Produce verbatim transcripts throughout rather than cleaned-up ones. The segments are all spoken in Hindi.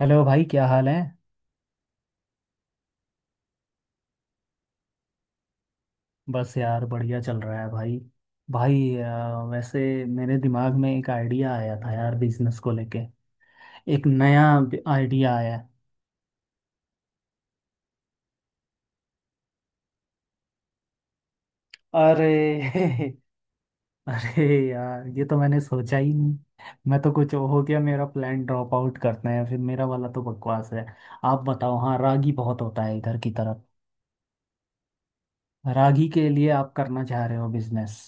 हेलो भाई, क्या हाल है। बस यार, बढ़िया चल रहा है भाई। भाई अ, वैसे मेरे दिमाग में एक आइडिया आया था यार, बिजनेस को लेके। एक नया आइडिया आया है। अरे अरे यार, ये तो मैंने सोचा ही नहीं। मैं तो कुछ हो गया, मेरा प्लान ड्रॉप आउट करते हैं, फिर मेरा वाला तो बकवास है। आप बताओ। हाँ, रागी बहुत होता है इधर की तरफ। रागी के लिए आप करना चाह रहे हो बिजनेस?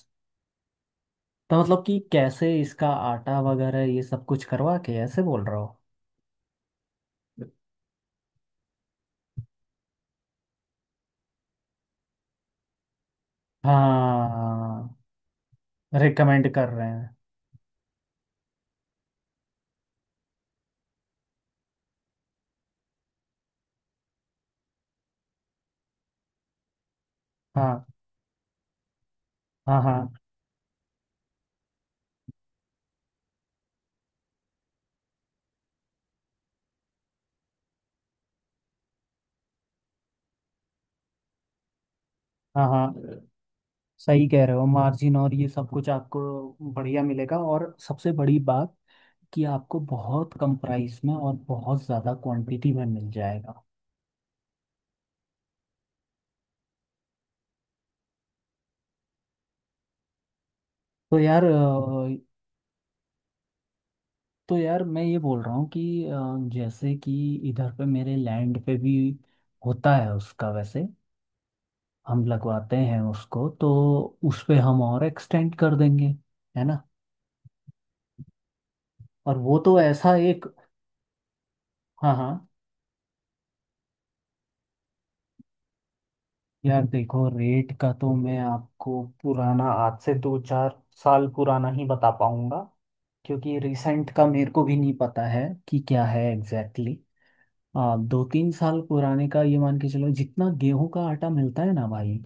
तो मतलब कि कैसे इसका आटा वगैरह ये सब कुछ करवा के ऐसे बोल रहे हो? हाँ, रिकमेंड कर रहे हैं। हाँ। हाँ हाँ। हाँ हाँ। सही कह रहे हो, मार्जिन और ये सब कुछ आपको बढ़िया मिलेगा। और सबसे बड़ी बात कि आपको बहुत कम प्राइस में और बहुत ज़्यादा क्वांटिटी में मिल जाएगा। तो यार अ, तो यार मैं ये बोल रहा हूँ कि अ, जैसे कि इधर पे मेरे लैंड पे भी होता है उसका। वैसे हम लगवाते हैं उसको, तो उस पे हम और एक्सटेंड कर देंगे, है ना। और वो तो ऐसा एक। हाँ हाँ। यार देखो, रेट का तो मैं आपको पुराना, आज से दो चार साल पुराना ही बता पाऊंगा, क्योंकि रिसेंट का मेरे को भी नहीं पता है कि क्या है एग्जैक्टली। हाँ, दो तीन साल पुराने का ये मान के चलो, जितना गेहूं का आटा मिलता है ना भाई,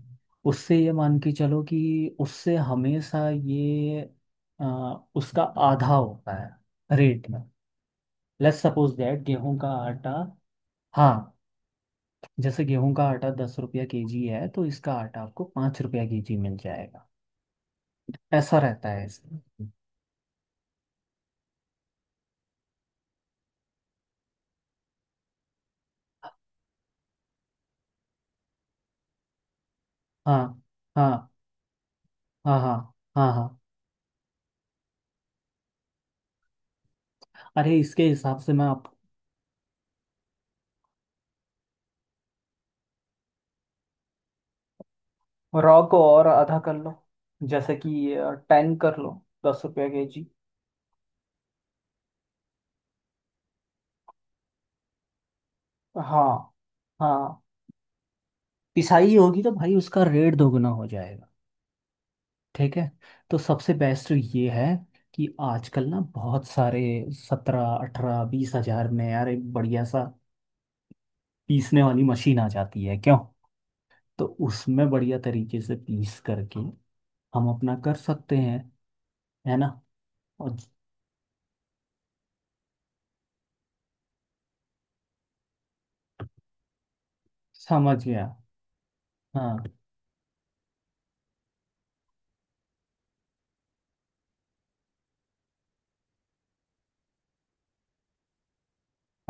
उससे ये मान के चलो कि उससे हमेशा ये आ, उसका आधा होता है रेट में। लेट्स सपोज दैट गेहूं का आटा। हाँ, जैसे गेहूं का आटा दस रुपया केजी है, तो इसका आटा आपको पाँच रुपया केजी मिल जाएगा। ऐसा रहता है इसमें। हाँ। हाँ हाँ। हाँ हाँ। हाँ। अरे, इसके हिसाब से मैं आप। रॉ को और आधा कर लो, जैसे कि टेन कर लो, दस रुपया केजी। हाँ हाँ। पिसाई होगी तो भाई उसका रेट दोगुना हो जाएगा। ठीक है, तो सबसे बेस्ट ये है कि आजकल ना बहुत सारे सत्रह अठारह बीस हजार में यार एक बढ़िया सा पीसने वाली मशीन आ जाती है, क्यों। तो उसमें बढ़िया तरीके से पीस करके हम अपना कर सकते हैं, है ना। और समझ गया। हाँ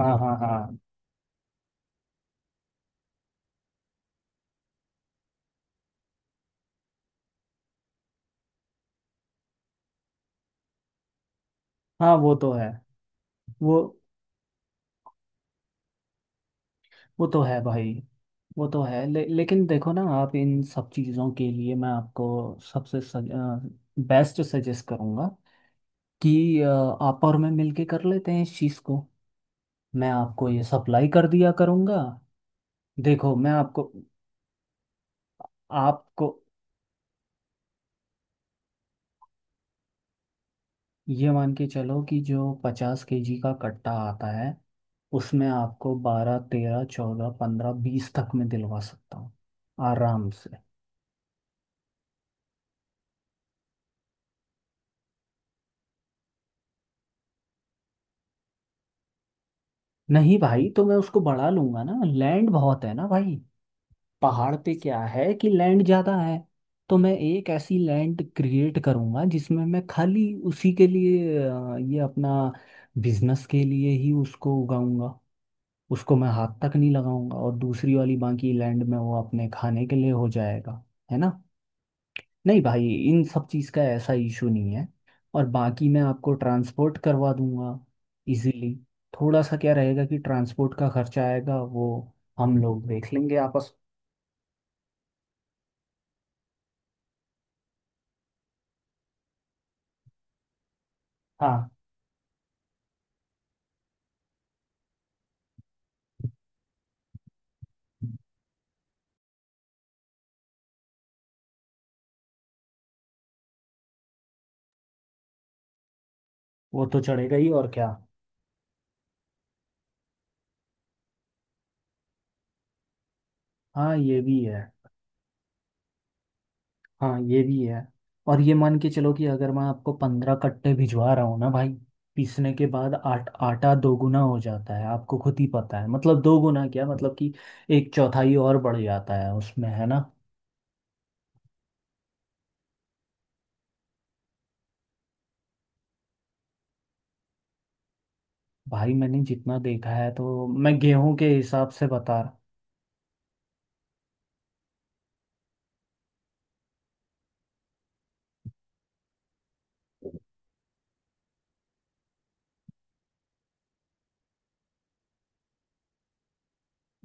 हाँ। हाँ हाँ। हाँ, वो तो है, वो वो तो है भाई, वो तो है। ले, लेकिन देखो ना, आप इन सब चीज़ों के लिए मैं आपको सबसे बेस्ट सजेस्ट करूँगा कि अ, आप और मैं मिलके कर लेते हैं इस चीज़ को। मैं आपको ये सप्लाई कर दिया करूँगा। देखो मैं आपको। आपको ये मान के चलो कि जो पचास केजी का कट्टा आता है, उसमें आपको बारह तेरह चौदह पंद्रह बीस तक में दिलवा सकता हूँ, आराम से। नहीं भाई, तो मैं उसको बढ़ा लूंगा ना, लैंड बहुत है ना भाई। पहाड़ पे क्या है कि लैंड ज्यादा है। तो मैं एक ऐसी लैंड क्रिएट करूंगा जिसमें मैं खाली उसी के लिए, अ, ये अपना बिजनेस के लिए ही उसको उगाऊंगा। उसको मैं हाथ तक नहीं लगाऊंगा, और दूसरी वाली बाकी लैंड में वो अपने खाने के लिए हो जाएगा, है ना। नहीं भाई, इन सब चीज़ का ऐसा इशू नहीं है। और बाकी मैं आपको ट्रांसपोर्ट करवा दूंगा, इजीली। थोड़ा सा क्या रहेगा कि ट्रांसपोर्ट का खर्चा आएगा, वो हम लोग देख लेंगे आपस। हाँ, वो तो चढ़ेगा ही, और क्या। हाँ ये भी है। हाँ ये भी है। और ये मान के चलो कि अगर मैं आपको पंद्रह कट्टे भिजवा रहा हूँ ना भाई, पीसने के बाद आट आटा दोगुना हो जाता है, आपको खुद ही पता है। मतलब दोगुना क्या, मतलब कि एक चौथाई और बढ़ जाता है उसमें, है ना। भाई मैंने जितना देखा है, तो मैं गेहूं के हिसाब से बता रहा।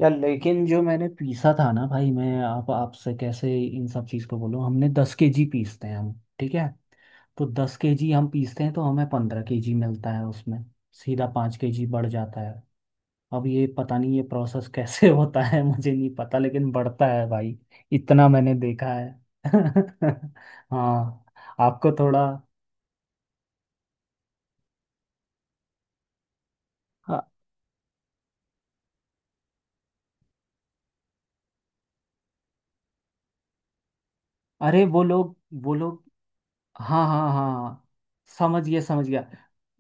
यार लेकिन जो मैंने पीसा था ना भाई, मैं आप आपसे कैसे इन सब चीज़ को बोलूं, हमने दस केजी पीसते हैं हम। ठीक है, तो दस केजी हम पीसते हैं तो हमें पंद्रह केजी मिलता है उसमें, सीधा पाँच केजी बढ़ जाता है। अब ये पता नहीं ये प्रोसेस कैसे होता है, मुझे नहीं पता, लेकिन बढ़ता है भाई, इतना मैंने देखा है। हाँ, आपको थोड़ा। हाँ, अरे वो लोग। वो लोग। हाँ हाँ हाँ, समझ गया समझ गया।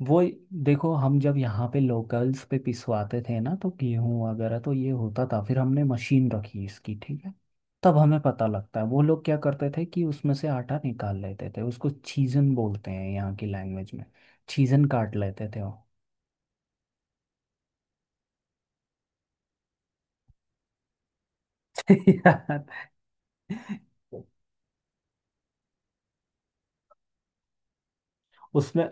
वो देखो, हम जब यहाँ पे लोकल्स पे पिसवाते थे ना, तो गेहूं वगैरह तो ये होता था, फिर हमने मशीन रखी इसकी, ठीक है। तब हमें पता लगता है, वो लोग क्या करते थे कि उसमें से आटा निकाल लेते थे, उसको छीजन बोलते हैं यहाँ की लैंग्वेज में। छीजन काट लेते थे वो। यार उसमें,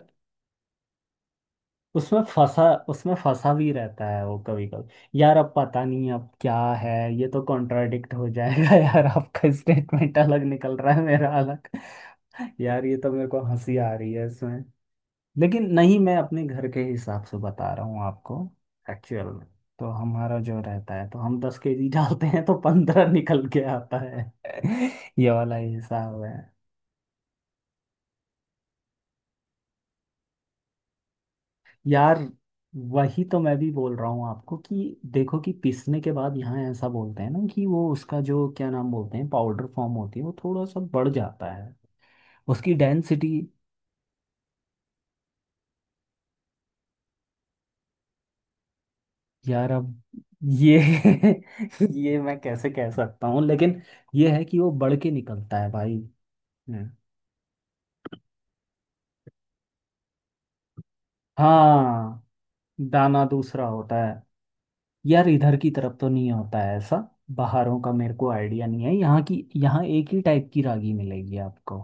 उसमें फंसा उसमें फंसा भी रहता है वो कभी कभी यार, अब पता नहीं अब क्या है। ये तो कॉन्ट्राडिक्ट हो जाएगा यार, आपका स्टेटमेंट अलग निकल रहा है, मेरा अलग। यार ये तो मेरे को हंसी आ रही है इसमें। लेकिन नहीं, मैं अपने घर के हिसाब से बता रहा हूँ आपको, एक्चुअल में। तो हमारा जो रहता है, तो हम दस केजी डालते हैं तो पंद्रह निकल के आता है। ये वाला हिसाब है। यार वही तो मैं भी बोल रहा हूँ आपको कि देखो, कि पीसने के बाद यहाँ ऐसा बोलते हैं ना कि वो उसका जो क्या नाम बोलते हैं, पाउडर फॉर्म होती है, वो थोड़ा सा बढ़ जाता है उसकी डेंसिटी। यार अब ये ये मैं कैसे कह सकता हूँ, लेकिन ये है कि वो बढ़ के निकलता है भाई। हम्म। हाँ, दाना दूसरा होता है? यार इधर की तरफ तो नहीं होता है ऐसा। बाहरों का मेरे को आइडिया नहीं है, यहाँ की यहाँ एक ही टाइप की रागी मिलेगी आपको।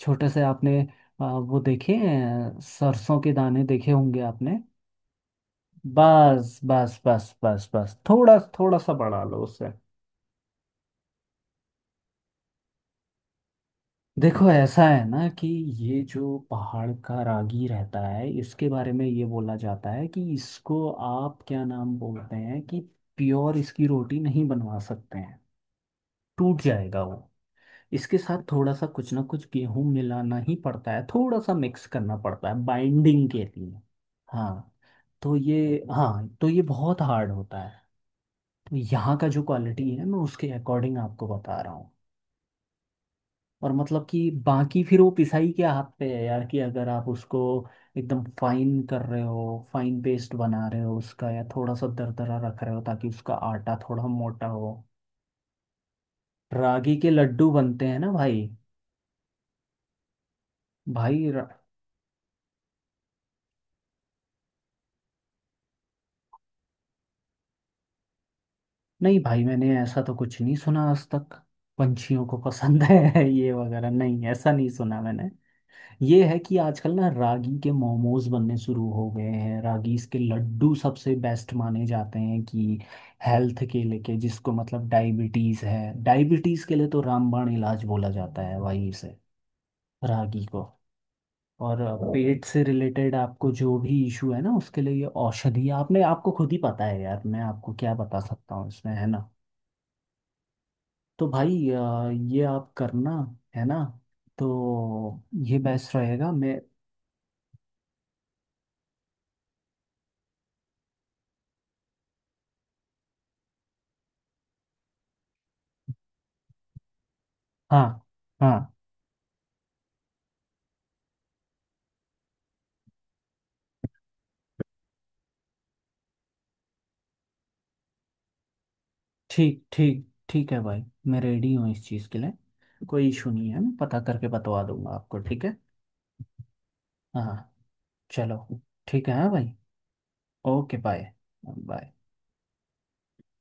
छोटे से आपने, आ, वो देखे हैं, सरसों के दाने देखे होंगे आपने। बस बस बस बस बस, थोड़ा थोड़ा सा बढ़ा लो उससे। देखो ऐसा है ना कि ये जो पहाड़ का रागी रहता है, इसके बारे में ये बोला जाता है कि इसको आप क्या नाम बोलते हैं कि प्योर इसकी रोटी नहीं बनवा सकते हैं, टूट जाएगा वो। इसके साथ थोड़ा सा कुछ ना कुछ गेहूं मिलाना ही पड़ता है, थोड़ा सा मिक्स करना पड़ता है बाइंडिंग के लिए। हाँ, तो ये। हाँ तो ये बहुत हार्ड होता है। तो यहाँ का जो क्वालिटी है, मैं उसके अकॉर्डिंग आपको बता रहा हूँ। और मतलब कि बाकी फिर वो पिसाई के हाथ पे है यार, कि अगर आप उसको एकदम फाइन कर रहे हो, फाइन पेस्ट बना रहे हो उसका, या थोड़ा सा दरदरा रख रहे हो ताकि उसका आटा थोड़ा मोटा हो। रागी के लड्डू बनते हैं ना भाई। भाई नहीं भाई, मैंने ऐसा तो कुछ नहीं सुना आज तक। पंछियों को पसंद है ये वगैरह, नहीं, ऐसा नहीं सुना मैंने। ये है कि आजकल ना रागी के मोमोज बनने शुरू हो गए हैं, रागी के लड्डू सबसे बेस्ट माने जाते हैं कि हेल्थ के लेके जिसको मतलब डायबिटीज है, डायबिटीज के लिए तो रामबाण इलाज बोला जाता है वहीं से, रागी को। और पेट से रिलेटेड आपको जो भी इशू है ना, उसके लिए ये औषधि, आपने आपको खुद ही पता है यार, मैं आपको क्या बता सकता हूँ इसमें, है ना। तो भाई आ, ये आप करना, है ना, तो ये बेस्ट रहेगा मैं। हाँ हाँ, ठीक ठीक ठीक है भाई। मैं रेडी हूँ इस चीज़ के लिए, कोई इशू नहीं है। मैं पता करके बतवा दूंगा आपको, ठीक है। हाँ, चलो। ठीक है हाँ भाई, ओके बाय। बाय।